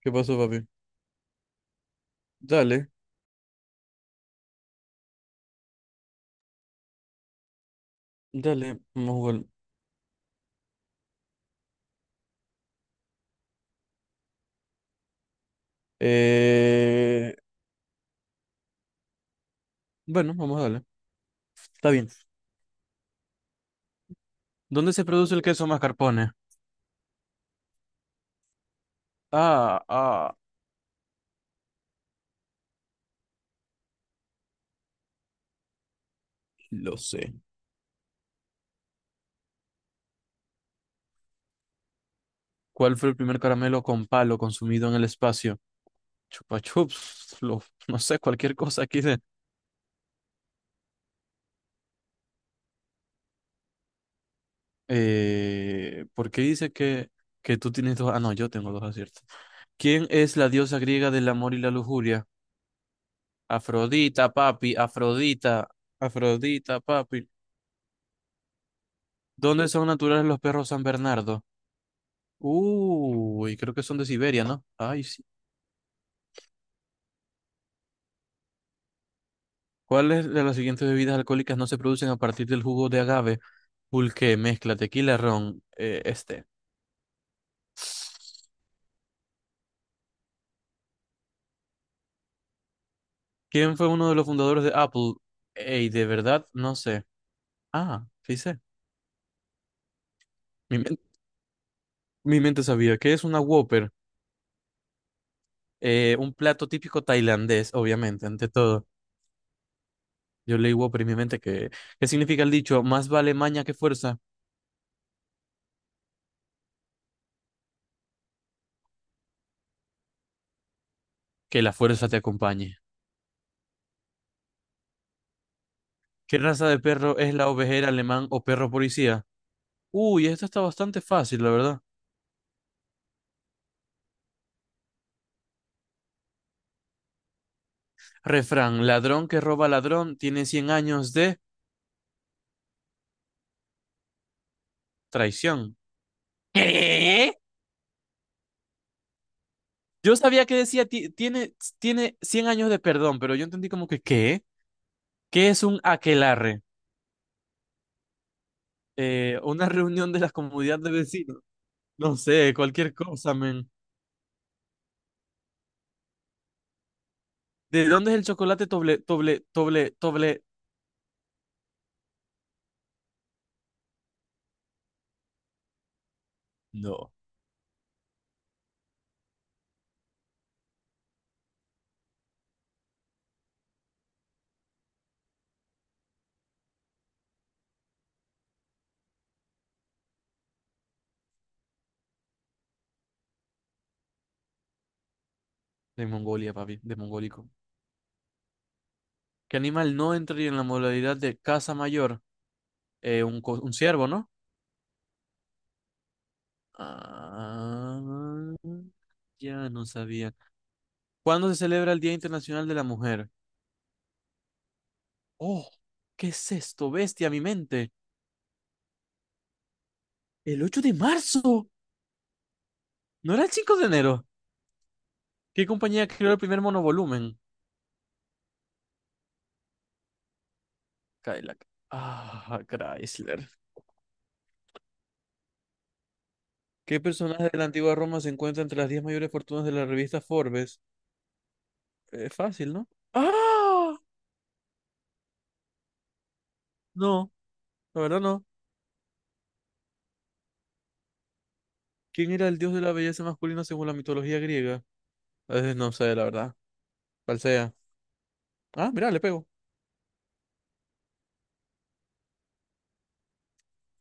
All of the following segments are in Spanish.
¿Qué pasó, papi? Dale, dale, vamos a jugar. Eh, bueno, vamos a darle. Está bien. ¿Dónde se produce el queso mascarpone? Ah, ah, lo sé. ¿Cuál fue el primer caramelo con palo consumido en el espacio? Chupa chups, no sé, cualquier cosa aquí de... ¿por qué dice que tú tienes dos? Ah, no, yo tengo dos aciertos. ¿Quién es la diosa griega del amor y la lujuria? Afrodita, papi, Afrodita, Afrodita, papi. ¿Dónde son naturales los perros San Bernardo? Uy, creo que son de Siberia, ¿no? Ay, sí. ¿Cuáles de las siguientes bebidas alcohólicas no se producen a partir del jugo de agave? Pulque, mezcla, tequila, ron, este. ¿Quién fue uno de los fundadores de Apple? Ey, de verdad, no sé. Ah, sí sé. Mi, men- mi mente sabía. ¿Qué es una Whopper? Un plato típico tailandés, obviamente, ante todo. Yo leí Whopper en mi mente que... ¿Qué significa el dicho? Más vale maña que fuerza, que la fuerza te acompañe. ¿Qué raza de perro es la ovejera alemán o perro policía? Uy, esto está bastante fácil, la verdad. Refrán, ladrón que roba ladrón tiene 100 años de traición. ¿Qué? Yo sabía que decía tiene 100 años de perdón, pero yo entendí como que ¿qué? ¿Qué es un aquelarre? Una reunión de la comunidad de vecinos. No sé, cualquier cosa, men. ¿De dónde es el chocolate doble, doble, doble, doble? No. De Mongolia, papi, de mongólico. ¿Qué animal no entraría en la modalidad de casa mayor? Un ciervo, ¿no? Ah, ya no sabía. ¿Cuándo se celebra el Día Internacional de la Mujer? Oh, ¿qué es esto? Bestia, mi mente. El 8 de marzo. ¿No era el 5 de enero? ¿Qué compañía creó el primer monovolumen? Cadillac. Ah, Chrysler. ¿Qué personaje de la antigua Roma se encuentra entre las 10 mayores fortunas de la revista Forbes? Es fácil, ¿no? ¡Ah! No, la verdad no. ¿Quién era el dios de la belleza masculina según la mitología griega? No sé, la verdad. ¿Cuál sea? Ah, mira, le pego.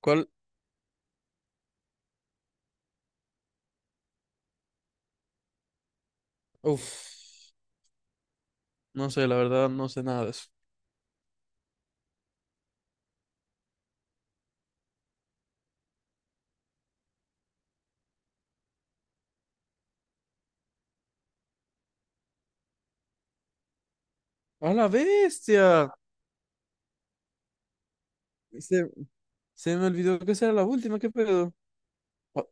¿Cuál? Uf, no sé, la verdad no sé nada de eso. ¡A la bestia! Se, se me olvidó que esa era la última, ¿qué pedo? Ah,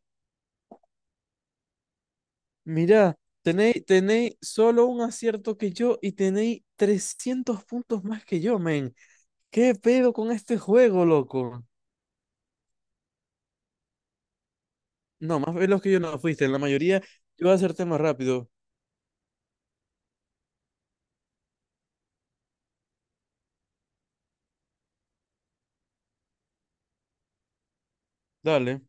mira, tenéis solo un acierto que yo y tenéis 300 puntos más que yo, men. ¿Qué pedo con este juego, loco? No, más veloz que yo no fuiste. En la mayoría yo acerté más rápido. Dale,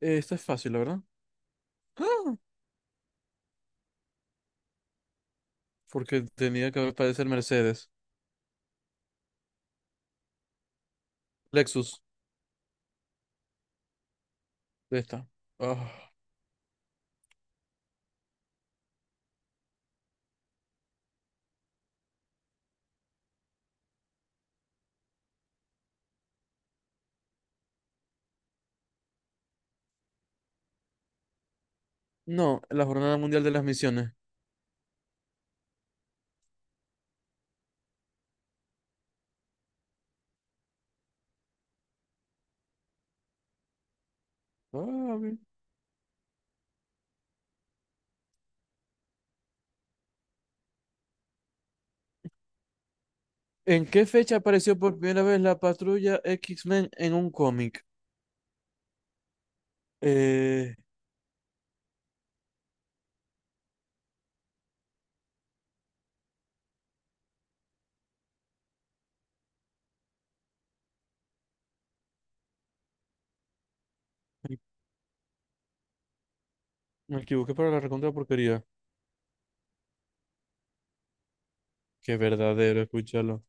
esto es fácil, la verdad. ¡Ah! Porque tenía que aparecer Mercedes. Lexus, de esta. Ah. No, la Jornada Mundial de las Misiones. Ah, bien. ¿En qué fecha apareció por primera vez la patrulla X-Men en un cómic? Eh, me me equivoqué para la recontra porquería. Qué verdadero, escúchalo.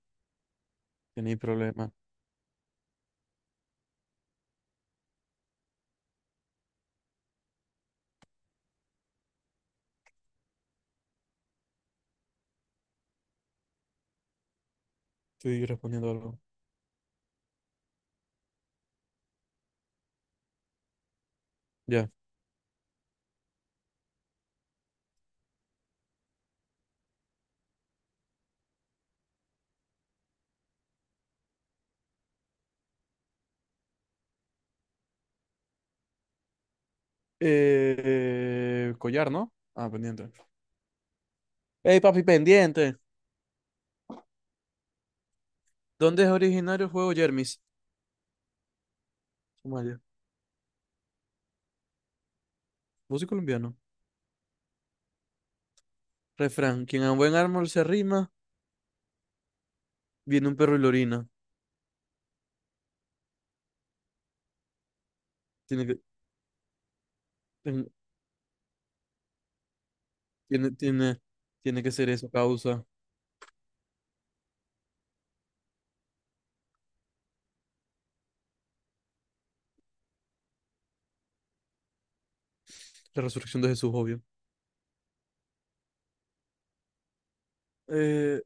Tenéis problema. Estoy respondiendo algo. Ya. Collar, ¿no? Ah, pendiente. ¡Ey, papi, pendiente! ¿Dónde es originario el juego Jermis? Somalia. Músico colombiano. Refrán. Quien a buen árbol se arrima, viene un perro y lo orina. Tiene que... ten- Tiene, tiene, tiene que ser eso, causa la resurrección de Jesús, obvio. Eh,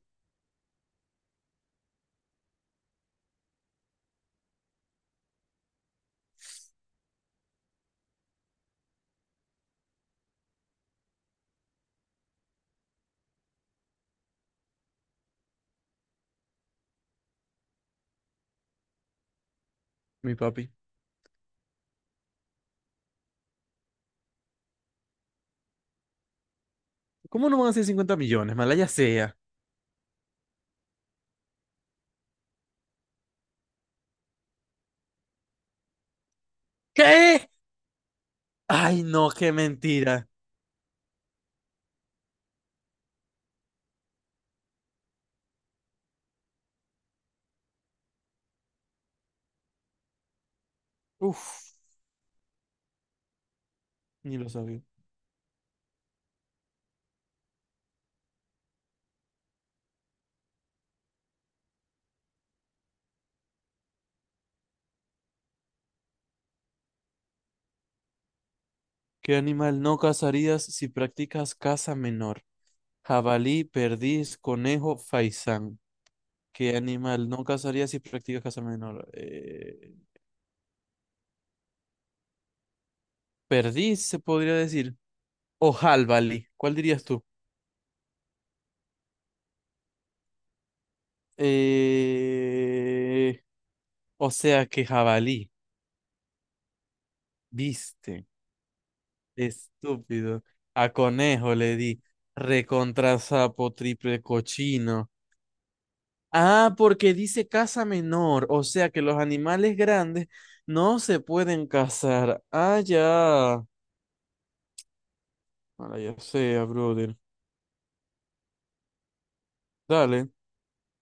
mi papi. ¿Cómo no van a ser 50 millones? Malaya sea. ¿Qué? Ay, no, qué mentira. Uf, ni lo sabía. ¿Qué animal no cazarías si practicas caza menor? Jabalí, perdiz, conejo, faisán. ¿Qué animal no cazarías si practicas caza menor? Perdiz, se podría decir. O jabalí. ¿Cuál dirías tú? Eh, o sea que jabalí. Viste, estúpido. A conejo le di. Recontra sapo, triple cochino. Ah, porque dice casa menor, o sea que los animales grandes no se pueden cazar. Ah, ya. Ahora ya sea, brother. Dale.